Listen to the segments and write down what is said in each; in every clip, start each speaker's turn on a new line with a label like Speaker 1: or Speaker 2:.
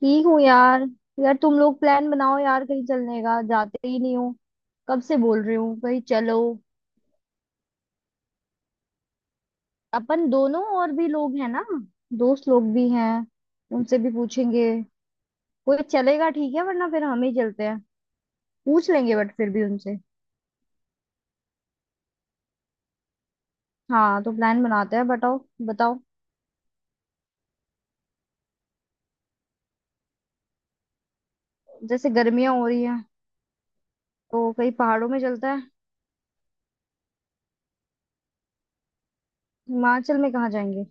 Speaker 1: ठीक हूँ यार। यार तुम लोग प्लान बनाओ यार, कहीं चलने का जाते ही नहीं हो। कब से बोल रही हूँ कहीं चलो। अपन दोनों और भी लोग हैं ना, दोस्त लोग भी हैं। उनसे भी पूछेंगे। कोई चलेगा ठीक है, वरना फिर हम ही चलते हैं। पूछ लेंगे बट फिर भी उनसे। हाँ तो प्लान बनाते हैं, बताओ। बताओ। जैसे गर्मियां हो रही हैं तो कहीं पहाड़ों में चलता है। हिमाचल में कहाँ जाएंगे?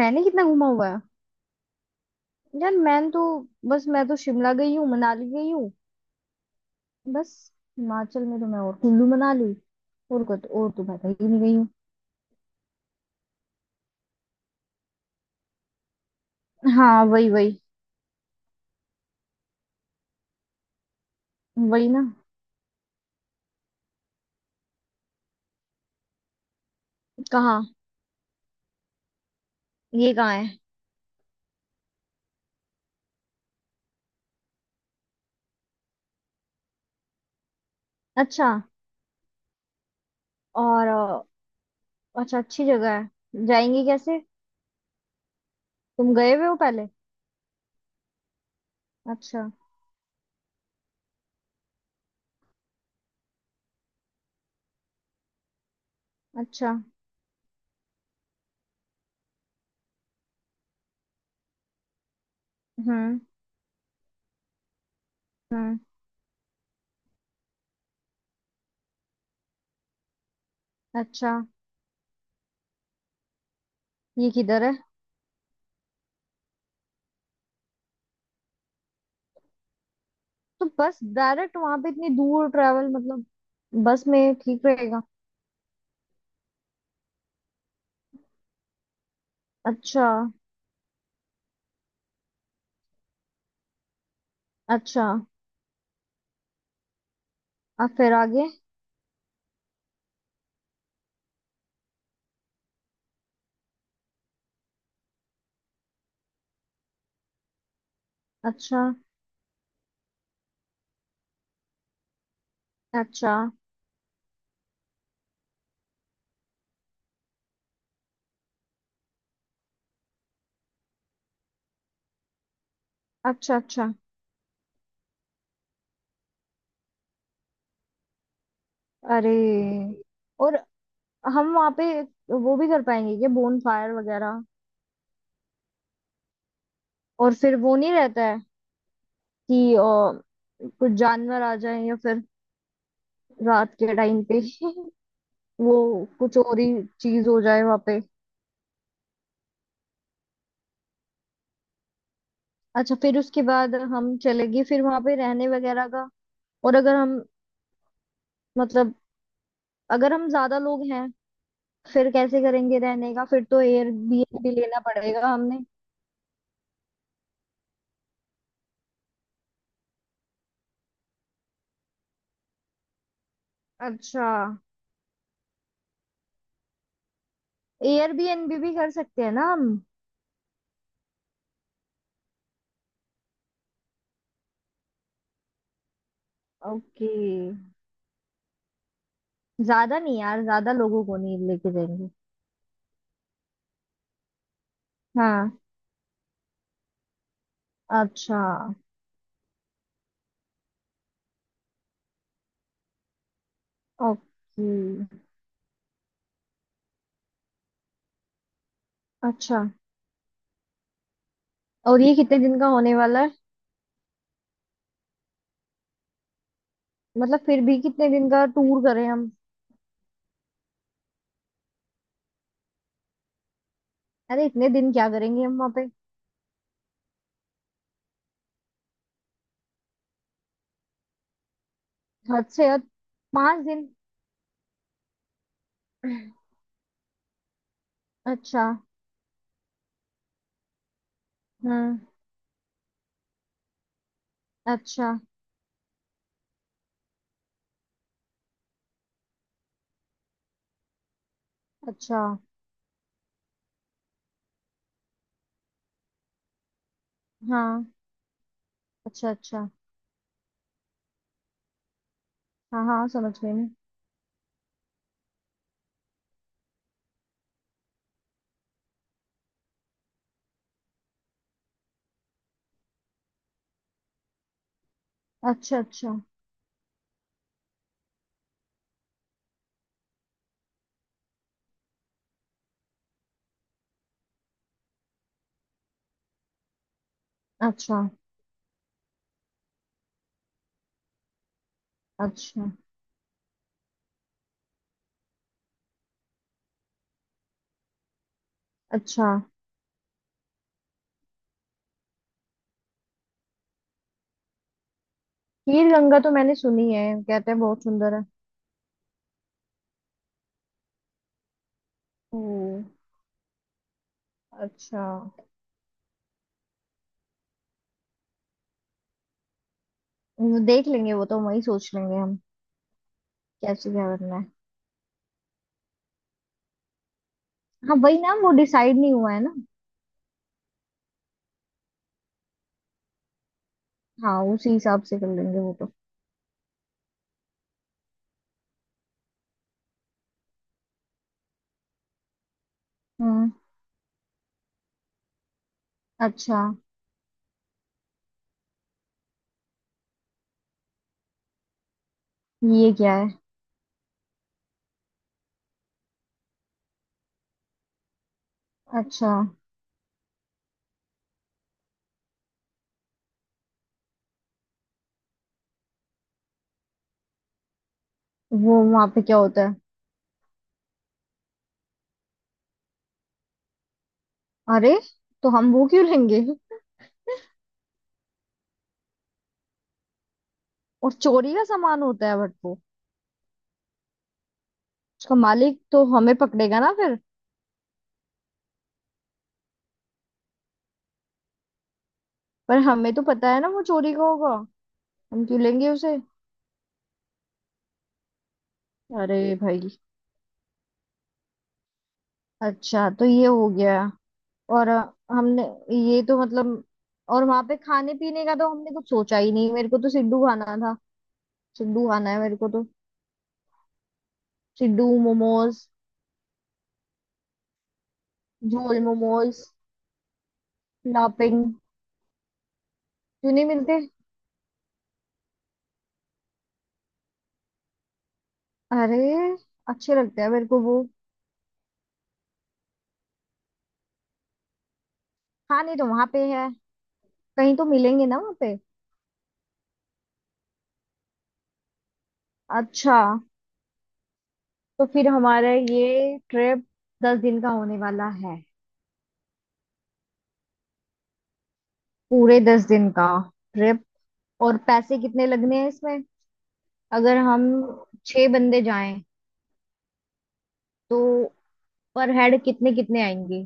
Speaker 1: मैंने कितना घूमा हुआ है? यार मैं तो, बस मैं तो शिमला गई हूँ, मनाली गई हूँ। बस। हिमाचल में तो मैं और कुल्लू मनाली, और को और तो मैं कहीं नहीं गई हूँ। हाँ वही वही। वही ना। कहाँ? ये कहाँ है? अच्छा। और अच्छा, अच्छी जगह है, जाएंगे कैसे? तुम गए हुए हो पहले? अच्छा। अच्छा। हम्म। हम्म। अच्छा। ये किधर है? तो बस डायरेक्ट वहां पे इतनी दूर ट्रैवल मतलब बस में ठीक रहेगा? अच्छा। अच्छा। अब फिर आगे? अच्छा। अच्छा। अच्छा। अच्छा। अरे। और हम वहाँ पे वो भी कर पाएंगे क्या, बोन फायर वगैरह? और फिर वो नहीं रहता है कि कुछ जानवर आ जाए या फिर रात के टाइम पे? वो कुछ और ही चीज हो जाए वहाँ पे? अच्छा फिर उसके बाद हम चलेंगे फिर वहाँ पे रहने वगैरह का। और अगर हम मतलब, अगर हम ज्यादा लोग हैं फिर कैसे करेंगे रहने का? फिर तो एयरबीएनबी लेना पड़ेगा हमने। अच्छा। एयरबीएनबी भी कर सकते हैं ना हम? ओके। ज्यादा नहीं यार, ज्यादा लोगों को नहीं लेके जाएंगे। हाँ। अच्छा। ओके। अच्छा, और ये कितने दिन का होने वाला है? मतलब फिर भी कितने दिन का टूर करें हम? अरे इतने दिन क्या करेंगे हम वहाँ पे? हद से हद 5 दिन। अच्छा। हम्म। अच्छा। अच्छा। हाँ। अच्छा। अच्छा। हाँ हाँ, समझ गई मैं। अच्छा। अच्छा। अच्छा। अच्छा। अच्छा। खीर गंगा तो मैंने सुनी है, कहते हैं बहुत सुंदर है। ओ। अच्छा। वो देख लेंगे, वो तो वही सोच लेंगे हम कैसे क्या करना है। हाँ वही ना, वो डिसाइड नहीं हुआ है ना। हाँ उसी हिसाब से कर लेंगे वो तो। हम्म। अच्छा। ये क्या है? अच्छा। वो वहां पे क्या होता है? अरे तो हम वो क्यों लेंगे? और चोरी का सामान होता है बट वो उसका मालिक तो हमें पकड़ेगा ना फिर? पर हमें तो पता है ना वो चोरी का होगा, हम क्यों लेंगे उसे? अरे भाई। अच्छा तो ये हो गया। और हमने ये तो मतलब, और वहां पे खाने पीने का तो हमने कुछ सोचा ही नहीं, मेरे को तो सिड्डू खाना था। सिड्डू खाना है मेरे को तो। सिड्डू मोमोज। झोल मोमोज। लापिंग। क्यों नहीं मिलते? अरे अच्छे लगते हैं मेरे को वो। खाने तो वहां पे है, कहीं तो मिलेंगे ना वहां पे? अच्छा। तो फिर हमारा ये ट्रिप 10 दिन का होने वाला है। पूरे 10 दिन का ट्रिप। और पैसे कितने लगने हैं इसमें? अगर हम 6 बंदे जाएं तो पर हेड कितने कितने आएंगे?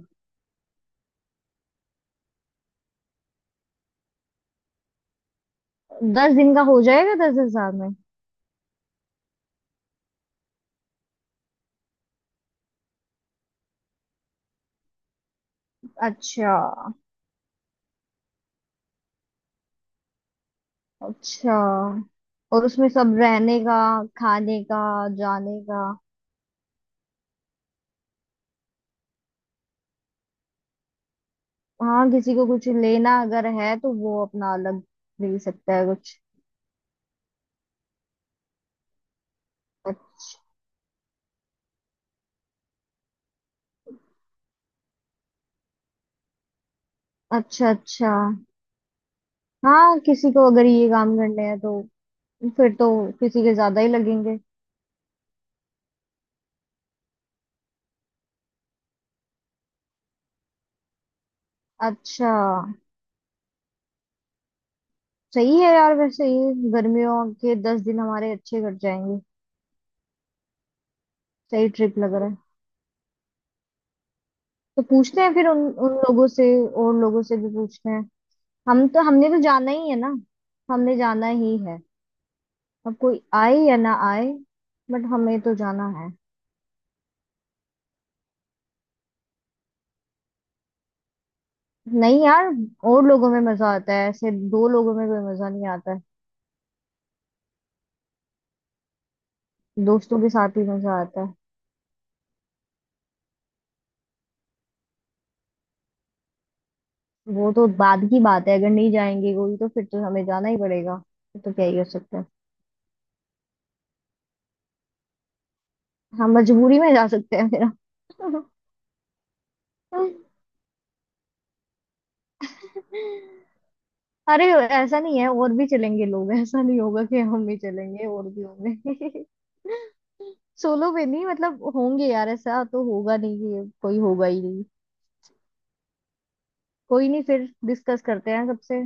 Speaker 1: 10 दिन का हो जाएगा 10,000 में? अच्छा। अच्छा। और उसमें सब रहने का, खाने का, जाने का? हाँ किसी को कुछ लेना अगर है तो वो अपना अलग ले सकता है कुछ। अच्छा। अच्छा। अच्छा। हाँ किसी को अगर ये काम करने हैं तो फिर तो किसी के ज्यादा ही लगेंगे। अच्छा। सही है यार, वैसे ये गर्मियों के 10 दिन हमारे अच्छे कट जाएंगे। सही ट्रिप लग रहा है। तो पूछते हैं फिर उन उन लोगों से, और लोगों से भी पूछते हैं। हम तो, हमने तो जाना ही है ना, हमने जाना ही है। अब कोई आए या ना आए बट हमें तो जाना है। नहीं यार, और लोगों में मजा आता है, ऐसे दो लोगों में कोई मजा नहीं आता है। दोस्तों के साथ ही मजा आता है। वो तो बाद की बात है, अगर नहीं जाएंगे कोई तो फिर तो हमें जाना ही पड़ेगा, फिर तो क्या ही कर सकते हैं। हम मजबूरी में जा सकते हैं फिर। अरे, ऐसा नहीं है और भी चलेंगे लोग, ऐसा नहीं होगा कि हम ही चलेंगे, और भी होंगे। सोलो पे नहीं मतलब, होंगे यार, ऐसा तो होगा नहीं कि ये कोई होगा ही नहीं। कोई नहीं, फिर डिस्कस करते हैं सबसे।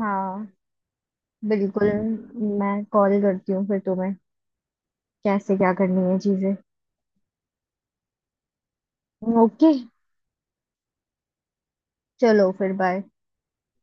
Speaker 1: हाँ। बिल्कुल। मैं कॉल करती हूँ फिर तुम्हें कैसे क्या करनी है चीजें। ओके। चलो फिर बाय।